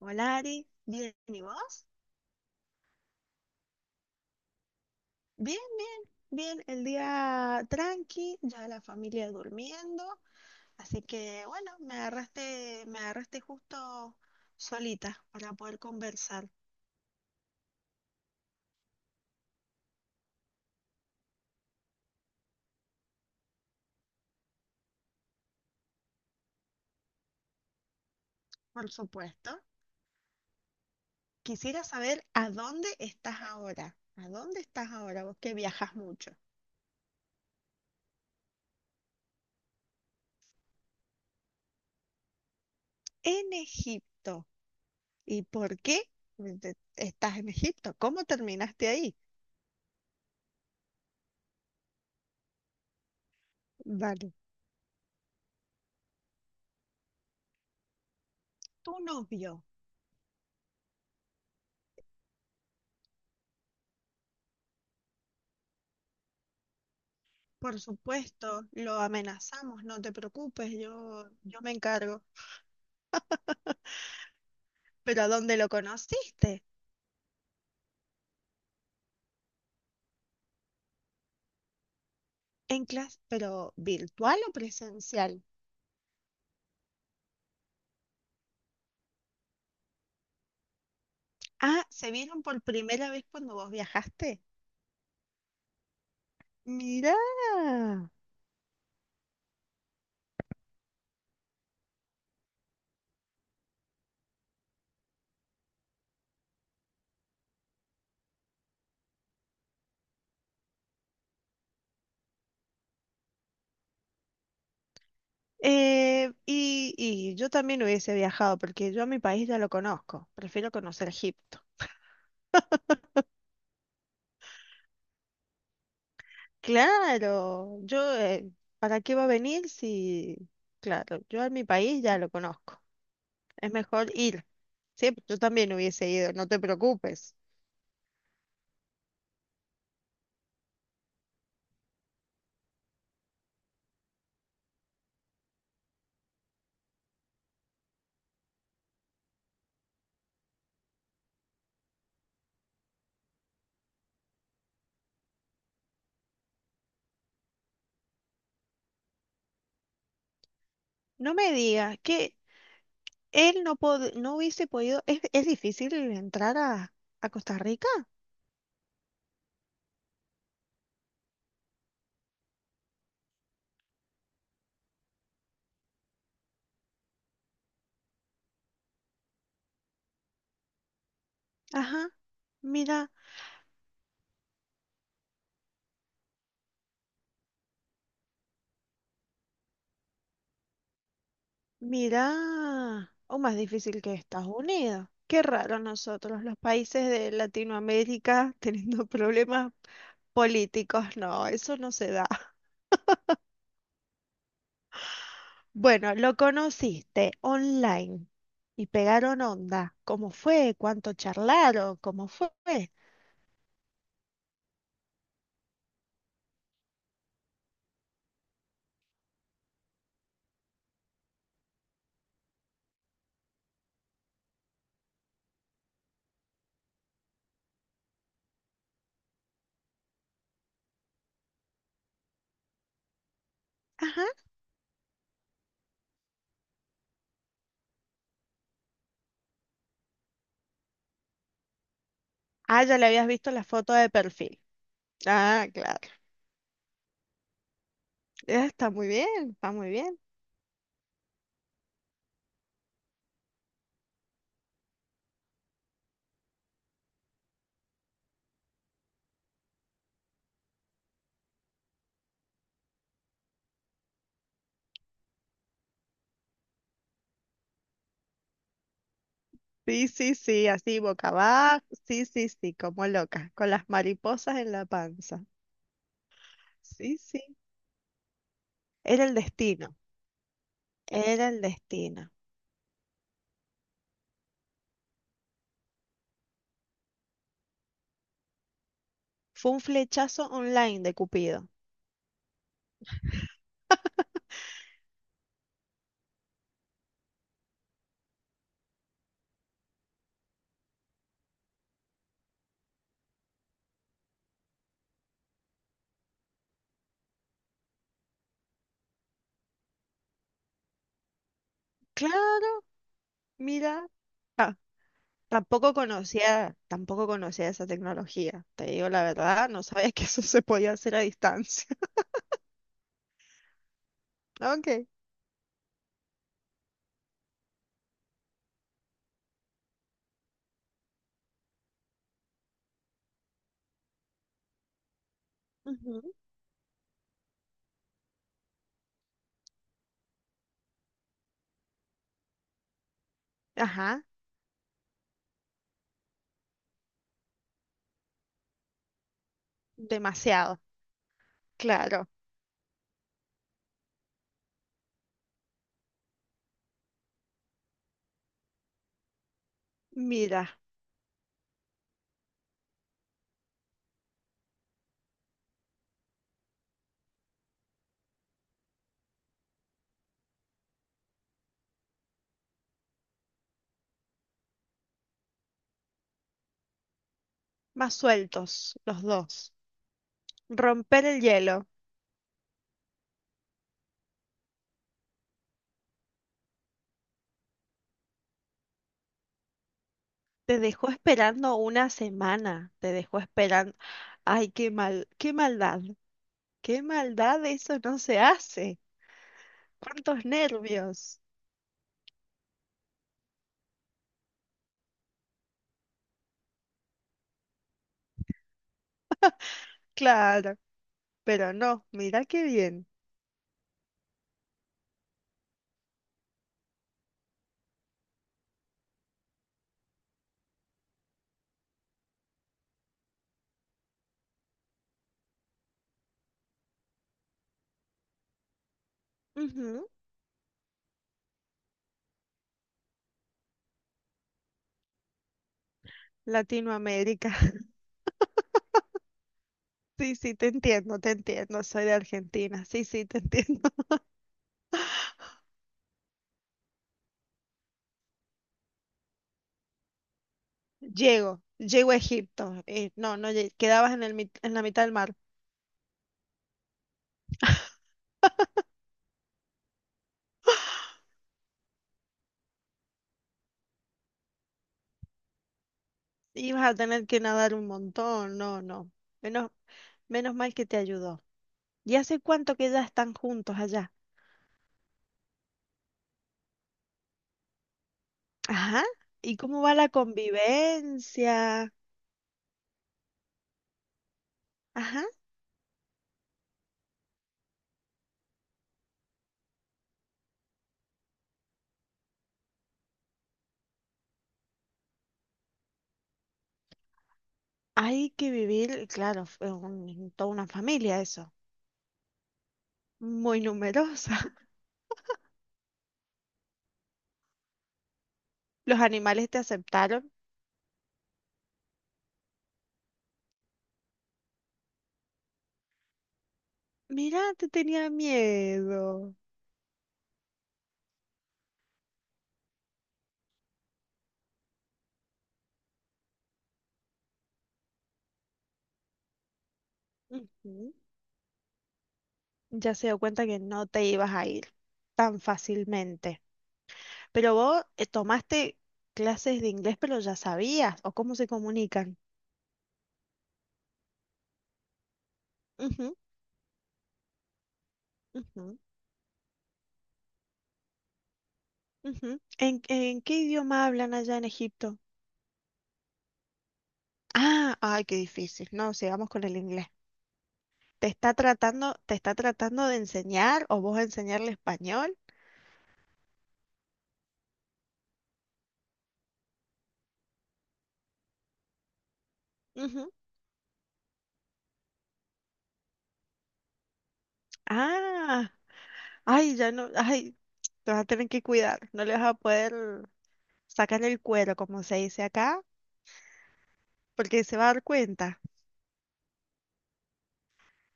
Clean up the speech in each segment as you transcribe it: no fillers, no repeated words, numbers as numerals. Hola Ari, bien, ¿y vos? Bien, bien, bien, el día tranqui, ya la familia durmiendo, así que bueno, me agarraste justo solita para poder conversar, por supuesto. Quisiera saber a dónde estás ahora, a dónde estás ahora, vos que viajas mucho. En Egipto, ¿y por qué estás en Egipto? ¿Cómo terminaste ahí? Vale, tu novio. Por supuesto, lo amenazamos, no te preocupes, yo me encargo. ¿Pero a dónde lo conociste? En clase, pero ¿virtual o presencial? Ah, ¿se vieron por primera vez cuando vos viajaste? Mirá. Y yo también hubiese viajado porque yo a mi país ya lo conozco, prefiero conocer Egipto. Claro, yo, ¿para qué va a venir si... Claro, yo a mi país ya lo conozco, es mejor ir. Sí, yo también hubiese ido, no te preocupes. No me digas que él no, no hubiese podido, es difícil entrar a Costa Rica. Ajá, mira, mira, o más difícil que Estados Unidos. Qué raro nosotros, los países de Latinoamérica teniendo problemas políticos, no, eso no se da. Bueno, lo conociste online y pegaron onda. ¿Cómo fue? ¿Cuánto charlaron? ¿Cómo fue? Ajá. Ah, ya le habías visto la foto de perfil. Ah, claro. Ah, está muy bien, está muy bien. Sí, sí, sí, así boca abajo. Sí, sí, sí, como loca, con las mariposas en la panza. Sí, sí. Era el destino, era el destino. Fue un flechazo online de Cupido. Claro, mira, tampoco conocía, tampoco conocía esa tecnología. Te digo la verdad, no sabía que eso se podía hacer a distancia. Ok. Ujú. Ajá, demasiado, claro. Mira. Más sueltos los dos. Romper el hielo. Te dejó esperando una semana, te dejó esperando. Ay, qué mal, qué maldad, eso no se hace. ¿Cuántos nervios? Claro, pero no, mira qué bien. Ujú, Latinoamérica. Sí, sí, te entiendo, soy de Argentina. Sí, sí, te entiendo. Llego, llego a Egipto. No, no, quedabas en el, en la mitad del mar. Y vas a tener que nadar un montón, no, no. Menos, menos mal que te ayudó. ¿Y hace cuánto que ya están juntos allá? Ajá. ¿Y cómo va la convivencia? Ajá. Hay que vivir, claro, toda una familia eso. Muy numerosa. ¿Los animales te aceptaron? Mira, te tenía miedo. Ujú. Ya se dio cuenta que no te ibas a ir tan fácilmente. Pero vos tomaste clases de inglés, pero ya sabías, o cómo se comunican. Ujú, ujú, ujú. En qué idioma hablan allá en Egipto? Ah, ay, qué difícil. No, sigamos con el inglés. Te está tratando de enseñar o vos enseñarle español? Ujú. Ah, ay, ya no, ay, te vas a tener que cuidar. No le vas a poder sacar el cuero, como se dice acá, porque se va a dar cuenta.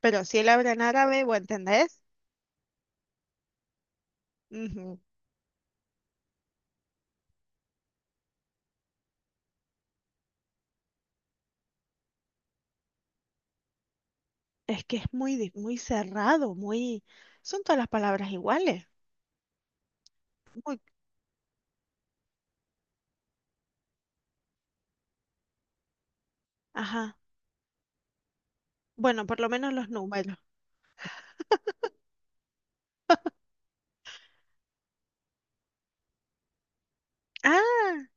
Pero si él habla en árabe, ¿vos entendés? Ujú. Es que es muy, muy cerrado, muy... Son todas las palabras iguales. Muy... Ajá. Bueno, por lo menos los números. Ah,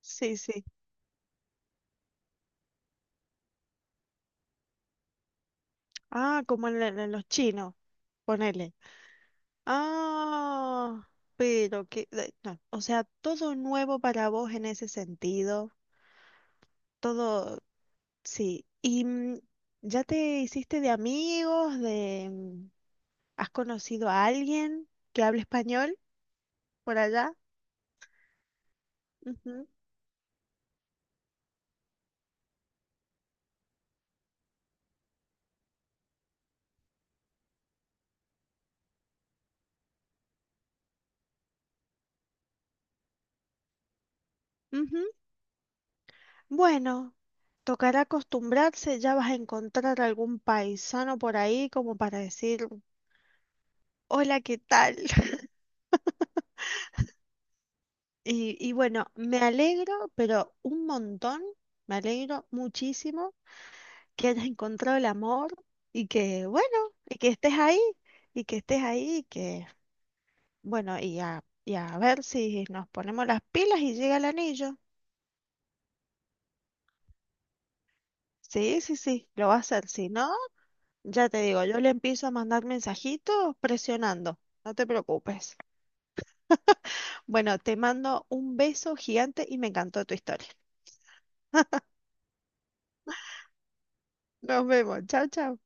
sí, sí. Ah, como en, en los chinos, ponele. Ah, pero que... no, o sea, todo nuevo para vos en ese sentido. Todo, sí. ¿Y mm, ya te hiciste de amigos, de... mm, ¿has conocido a alguien que hable español por allá? Ujú, ujú. Bueno. Tocará acostumbrarse, ya vas a encontrar algún paisano por ahí como para decir, hola, ¿qué tal? Y, y bueno, me alegro, pero un montón, me alegro muchísimo que hayas encontrado el amor y que, bueno, y que estés ahí, y que estés ahí, y que, bueno, y a ver si nos ponemos las pilas y llega el anillo. Sí, sí, sí, lo va a hacer. Si no, ya te digo, yo le empiezo a mandar mensajitos presionando. No te preocupes. Bueno, te mando un beso gigante y me encantó tu historia. Nos vemos. Chao, chao.